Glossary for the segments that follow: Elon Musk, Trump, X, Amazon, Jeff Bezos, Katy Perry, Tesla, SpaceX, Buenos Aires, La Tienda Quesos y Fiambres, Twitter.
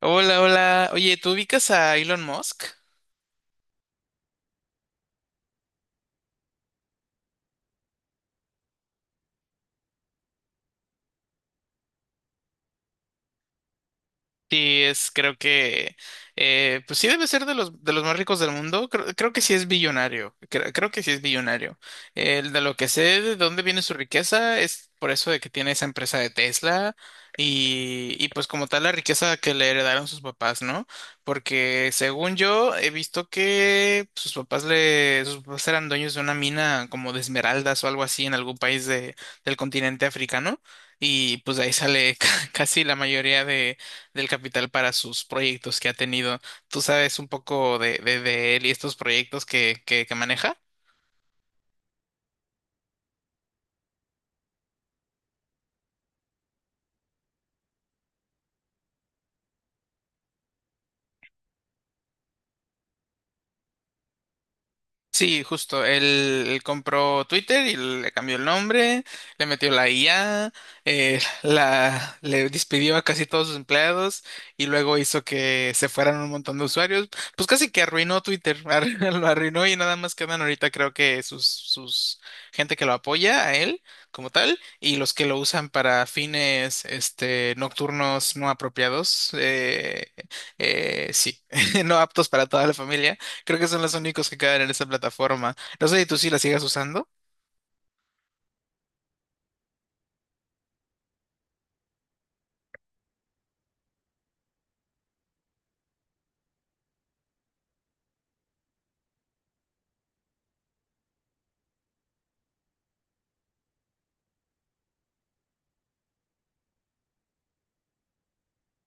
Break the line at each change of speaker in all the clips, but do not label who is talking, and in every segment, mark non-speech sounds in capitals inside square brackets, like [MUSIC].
Hola, hola. Oye, ¿tú ubicas a Elon Musk? Sí, creo que, pues sí debe ser de los más ricos del mundo. Creo que sí es billonario. Creo que sí es billonario. El de lo que sé de dónde viene su riqueza es por eso de que tiene esa empresa de Tesla y pues como tal la riqueza que le heredaron sus papás, ¿no? Porque según yo he visto que sus papás eran dueños de una mina como de esmeraldas o algo así en algún país del continente africano y pues de ahí sale [LAUGHS] casi la mayoría de del capital para sus proyectos que ha tenido. ¿Tú sabes un poco de él y estos proyectos que maneja? Sí, justo. Él compró Twitter y le cambió el nombre, le metió la IA, le despidió a casi todos sus empleados y luego hizo que se fueran un montón de usuarios. Pues casi que arruinó Twitter, [LAUGHS] lo arruinó y nada más quedan ahorita creo que sus gente que lo apoya a él como tal y los que lo usan para fines este, nocturnos no apropiados. Sí, [LAUGHS] no aptos para toda la familia. Creo que son los únicos que caen en esa plataforma. No sé si tú sí la sigas usando.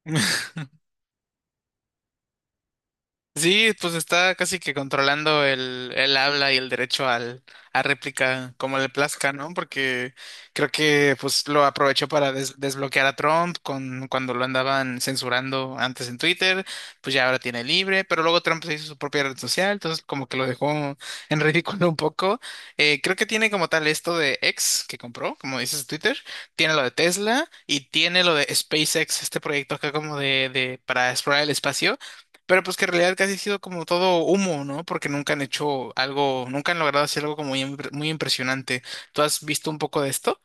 [LAUGHS] Sí, pues está casi que controlando el habla y el derecho al, a réplica como le plazca, ¿no? Porque creo que pues lo aprovechó para desbloquear a Trump cuando lo andaban censurando antes en Twitter, pues ya ahora tiene libre, pero luego Trump se hizo su propia red social, entonces como que lo dejó [LAUGHS] en ridículo un poco. Creo que tiene como tal esto de X que compró, como dices Twitter, tiene lo de Tesla y tiene lo de SpaceX, este proyecto acá como de para explorar el espacio. Pero pues que en realidad casi ha sido como todo humo, ¿no? Porque nunca han hecho algo, nunca han logrado hacer algo como muy, muy impresionante. ¿Tú has visto un poco de esto?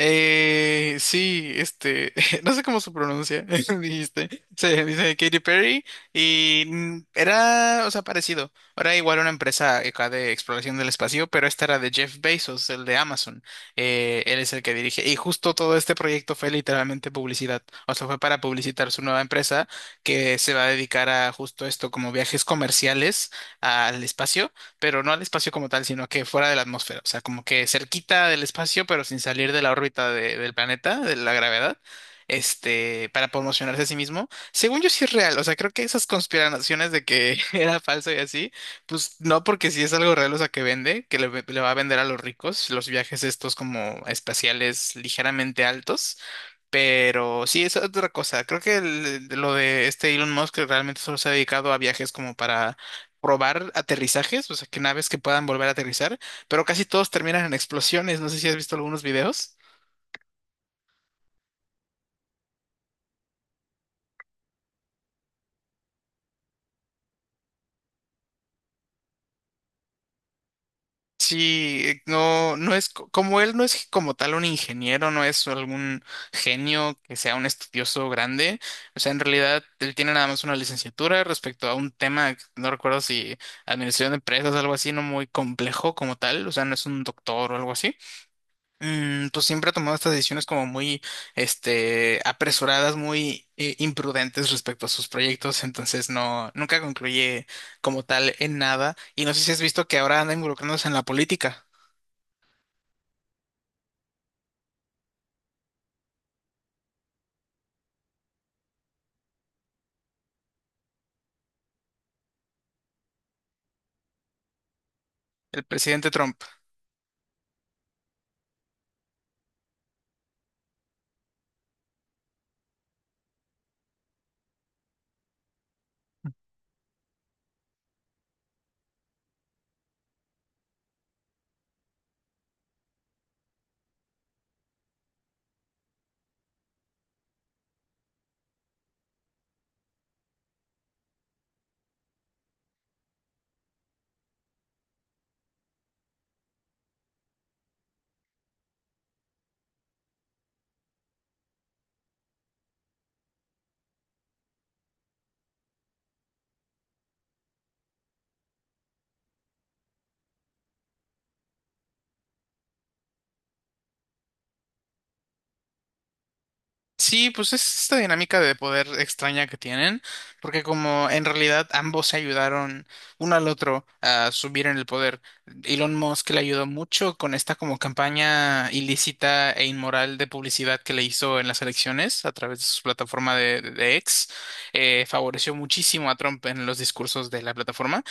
Sí, este, [LAUGHS] no sé cómo se pronuncia, [LAUGHS] dijiste. Se dice Katy Perry y mm, era, o sea, parecido. Era igual una empresa acá de exploración del espacio, pero esta era de Jeff Bezos, el de Amazon. Él es el que dirige. Y justo todo este proyecto fue literalmente publicidad. O sea, fue para publicitar su nueva empresa que se va a dedicar a justo esto, como viajes comerciales al espacio pero no al espacio como tal, sino que fuera de la atmósfera, o sea, como que cerquita del espacio, pero sin salir de la órbita del planeta, de la gravedad, este, para promocionarse a sí mismo. Según yo sí es real, o sea, creo que esas conspiraciones de que [LAUGHS] era falso y así, pues no, porque si es algo real, o sea, que vende, le va a vender a los ricos, los viajes estos como espaciales ligeramente altos. Pero sí, es otra cosa. Creo que lo de este Elon Musk que realmente solo se ha dedicado a viajes como para probar aterrizajes, o sea, que naves que puedan volver a aterrizar, pero casi todos terminan en explosiones. No sé si has visto algunos videos. Sí, no, como él, no es como tal un ingeniero, no es algún genio que sea un estudioso grande. O sea, en realidad él tiene nada más una licenciatura respecto a un tema, que no recuerdo si administración de empresas, algo así, no muy complejo como tal. O sea, no es un doctor o algo así. Mm, pues siempre ha tomado estas decisiones como muy, este, apresuradas, muy imprudentes respecto a sus proyectos, entonces no, nunca concluye como tal en nada. Y no sé si has visto que ahora anda involucrándose en la política, el presidente Trump. Sí, pues es esta dinámica de poder extraña que tienen, porque como en realidad ambos se ayudaron uno al otro a subir en el poder. Elon Musk le ayudó mucho con esta como campaña ilícita e inmoral de publicidad que le hizo en las elecciones a través de su plataforma de X. Favoreció muchísimo a Trump en los discursos de la plataforma.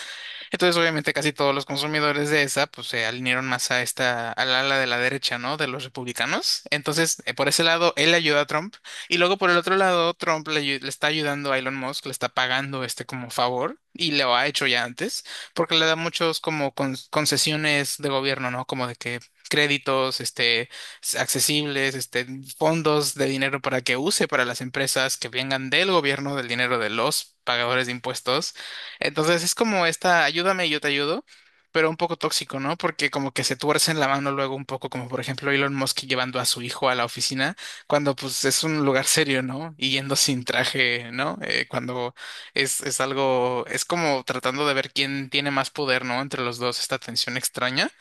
Entonces, obviamente, casi todos los consumidores de esa, pues se alinearon más a esta, al ala de la derecha, ¿no? De los republicanos. Entonces, por ese lado, él ayuda a Trump. Y luego, por el otro lado, le está ayudando a Elon Musk, le está pagando este como favor. Y lo ha hecho ya antes, porque le da muchos como concesiones de gobierno, ¿no? Como de que créditos, este, accesibles, este, fondos de dinero para que use para las empresas que vengan del gobierno, del dinero de los pagadores de impuestos. Entonces es como esta, ayúdame y yo te ayudo, pero un poco tóxico, ¿no? Porque como que se tuercen la mano luego un poco, como por ejemplo Elon Musk llevando a su hijo a la oficina, cuando pues es un lugar serio, ¿no? Y yendo sin traje, ¿no? Cuando es algo, es como tratando de ver quién tiene más poder, ¿no? Entre los dos, esta tensión extraña.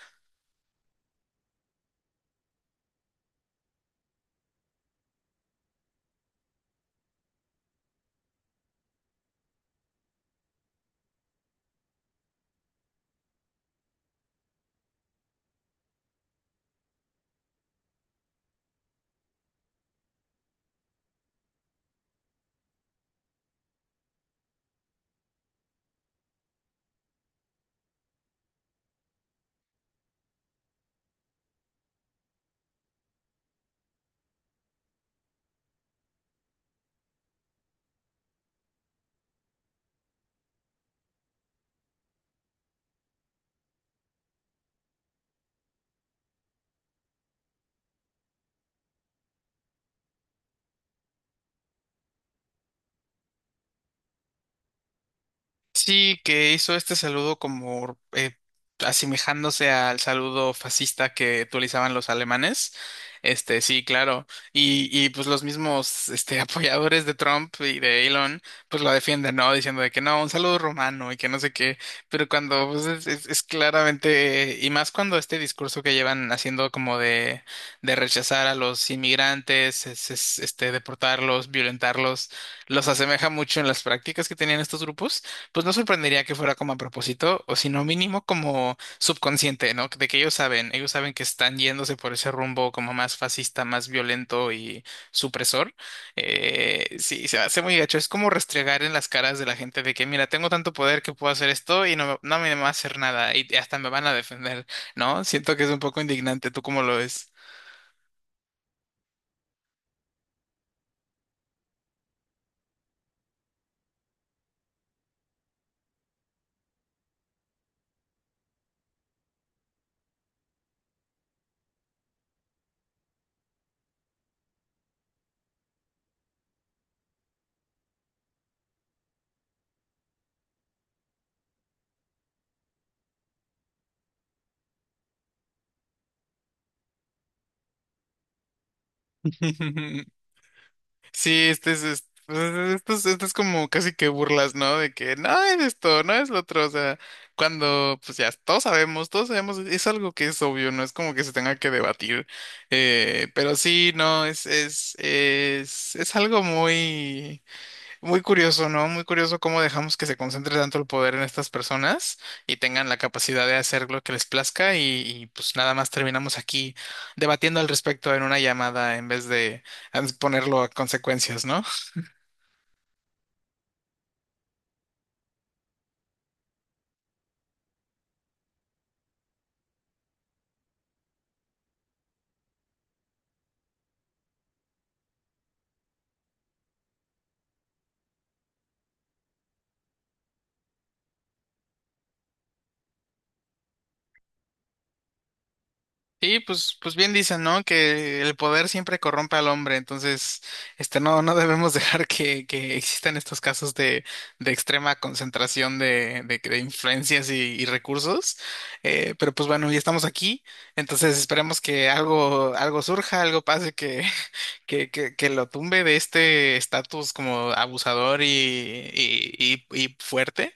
Sí, que hizo este saludo como asemejándose al saludo fascista que utilizaban los alemanes. Este, sí, claro. Y pues los mismos este, [LAUGHS] apoyadores de Trump y de Elon, pues lo defienden, ¿no? Diciendo de que no, un saludo romano y que no sé qué. Pero cuando pues, es claramente, y más cuando este discurso que llevan haciendo como de rechazar a los inmigrantes, es, este, deportarlos, violentarlos, los asemeja mucho en las prácticas que tenían estos grupos. Pues no sorprendería que fuera como a propósito, o si no mínimo como subconsciente, ¿no? De que ellos saben que están yéndose por ese rumbo como más fascista, más violento y supresor. Sí, se hace muy gacho. Es como restregar en las caras de la gente de que, mira, tengo tanto poder que puedo hacer esto y no, no me va a hacer nada y hasta me van a defender, ¿no? Siento que es un poco indignante. ¿Tú cómo lo ves? [LAUGHS] Sí, pues, esto es como casi que burlas, ¿no? De que no es esto, no es lo otro, o sea, cuando pues ya todos sabemos, es algo que es obvio, no es como que se tenga que debatir, pero sí, no, es algo muy... Muy curioso, ¿no? Muy curioso cómo dejamos que se concentre tanto el poder en estas personas y tengan la capacidad de hacer lo que les plazca pues nada más terminamos aquí debatiendo al respecto en una llamada en vez de ponerlo a consecuencias, ¿no? Sí, pues bien dicen, ¿no? Que el poder siempre corrompe al hombre, entonces, este, no, no debemos [LAUGHS] dejar que existan estos casos de extrema concentración de influencias y recursos. Pero pues bueno, ya estamos aquí, entonces esperemos que algo, algo surja, algo pase que, [LAUGHS] que lo tumbe de este estatus como abusador y fuerte.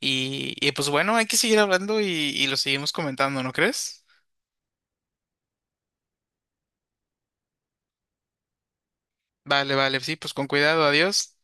Y pues bueno, hay que seguir hablando y lo seguimos comentando, ¿no crees? Vale, sí, pues con cuidado, adiós.